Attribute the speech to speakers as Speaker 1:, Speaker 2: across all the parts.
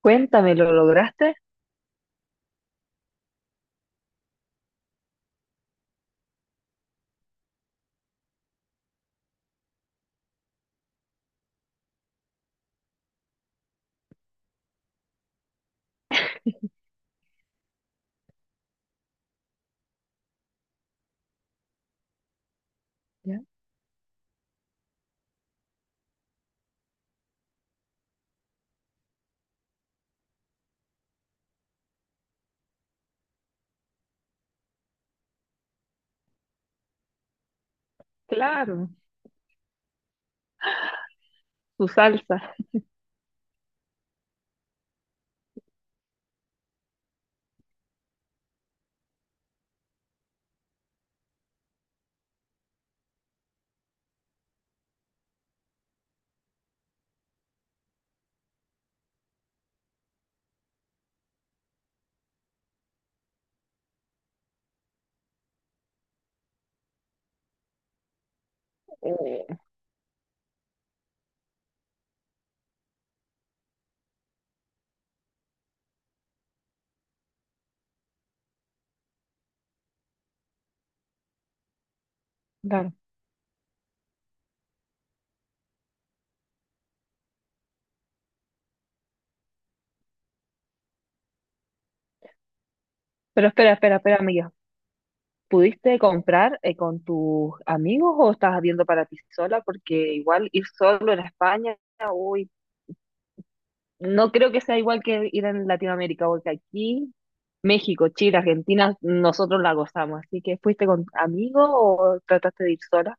Speaker 1: Cuéntame, ¿lo lograste? ¿Ya? Claro, su salsa. Eh, claro. Pero espera, espera, espera, amiga. ¿Pudiste comprar con tus amigos o estás viendo para ti sola? Porque igual ir solo en España, uy, no creo que sea igual que ir en Latinoamérica, porque aquí, México, Chile, Argentina, nosotros la gozamos. Así que, ¿fuiste con amigos o trataste de ir sola?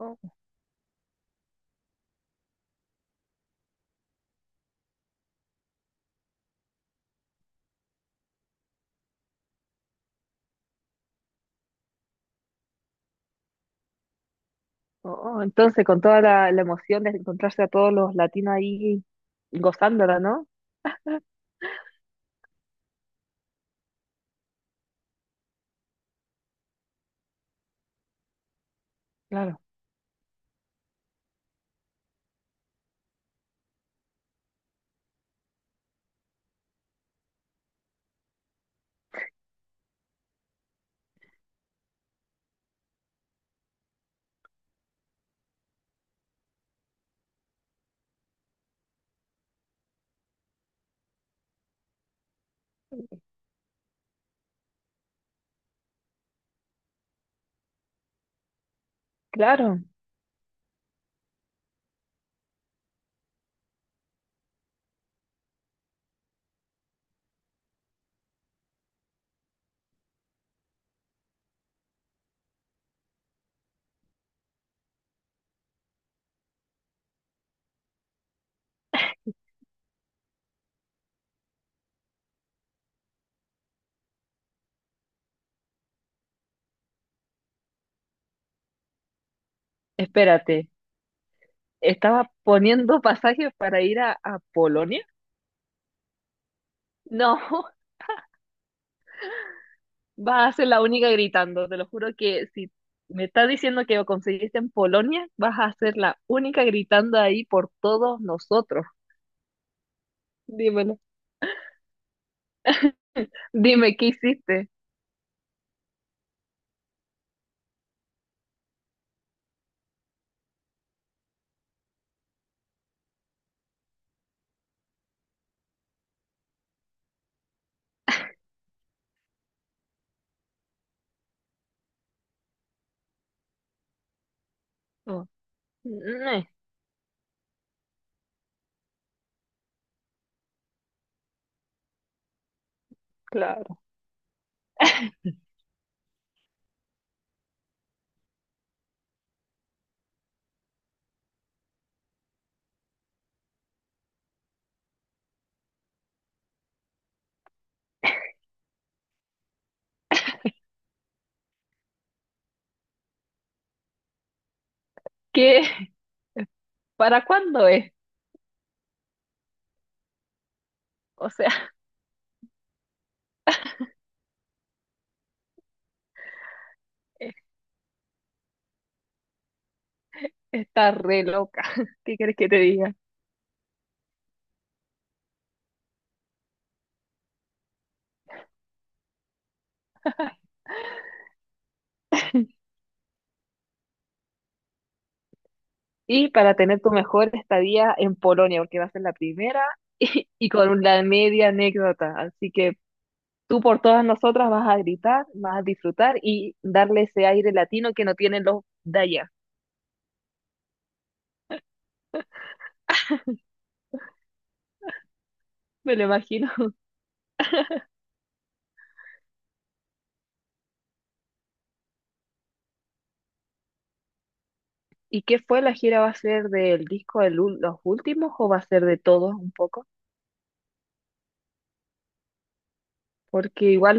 Speaker 1: Oh. Oh, oh, entonces, con toda la, la emoción de encontrarse a todos los latinos ahí gozándola, ¿no? Claro, claro. Espérate, ¿estaba poniendo pasajes para ir a Polonia? No. Vas a ser la única gritando. Te lo juro que si me estás diciendo que lo conseguiste en Polonia, vas a ser la única gritando ahí por todos nosotros. Dímelo. Dime, ¿qué hiciste? Oh. Mm, claro. ¿Qué? ¿Para cuándo es? O sea, está re loca. ¿Qué quieres que te diga? Y para tener tu mejor estadía en Polonia, porque va a ser la primera y con la media anécdota. Así que tú por todas nosotras vas a gritar, vas a disfrutar y darle ese aire latino que no tienen los de allá. Me lo imagino. ¿Y qué fue la gira? ¿Va a ser del disco de los últimos o va a ser de todos un poco? Porque igual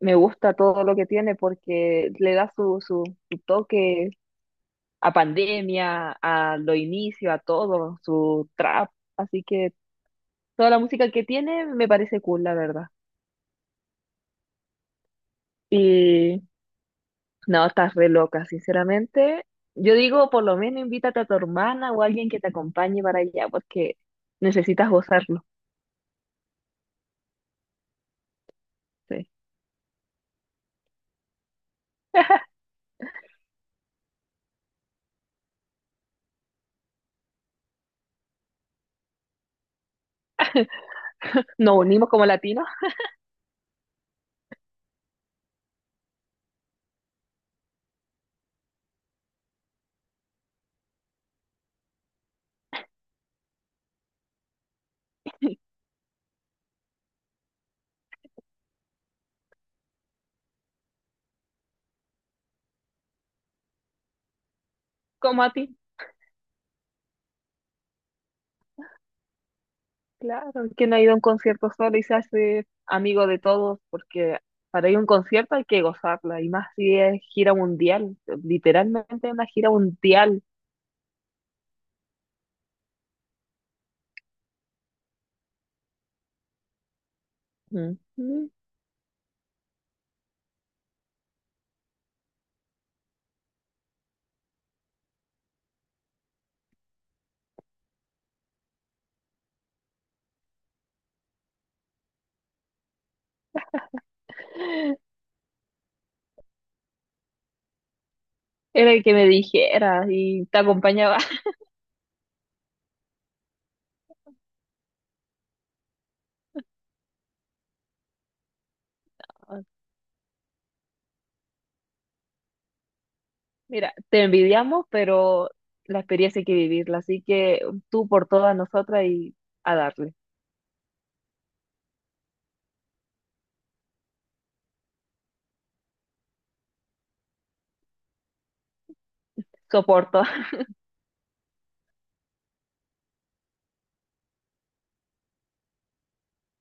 Speaker 1: me gusta todo lo que tiene porque le da su, su, su toque a pandemia, a lo inicio, a todo, su trap. Así que toda la música que tiene me parece cool, la verdad. Y No, estás re loca, sinceramente. Yo digo, por lo menos invítate a tu hermana o a alguien que te acompañe para allá, porque necesitas gozarlo. Sí. Nos unimos como latinos, como a ti. Claro, quien ha ido a un concierto solo y se hace amigo de todos, porque para ir a un concierto hay que gozarla, y más si es gira mundial, literalmente una gira mundial. Ujú. Era el que me dijera y te acompañaba. Mira, te envidiamos, pero la experiencia hay que vivirla, así que tú por todas nosotras y a darle. Soporto.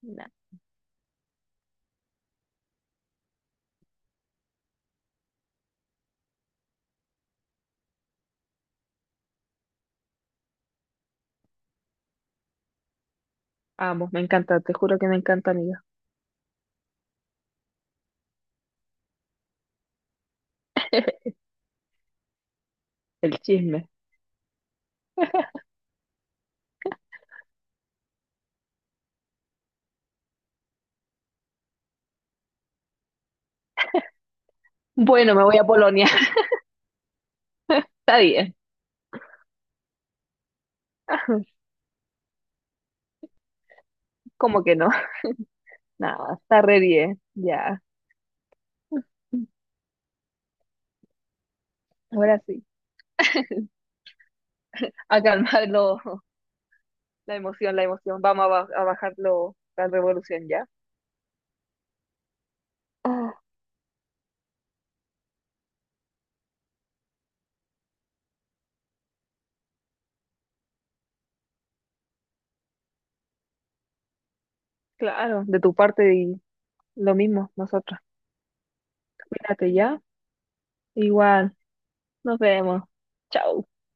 Speaker 1: Nah, amo, me encanta, te juro que me encanta, amiga. El chisme. Bueno, me voy a Polonia. Está bien. ¿Cómo que no? Nada, está re bien. Ya. Ahora sí. A calmarlo, la emoción, la emoción. Vamos a bajarlo, la revolución ya. Ah, claro, de tu parte y lo mismo, nosotros. Cuídate ya. Igual, nos vemos. Chao.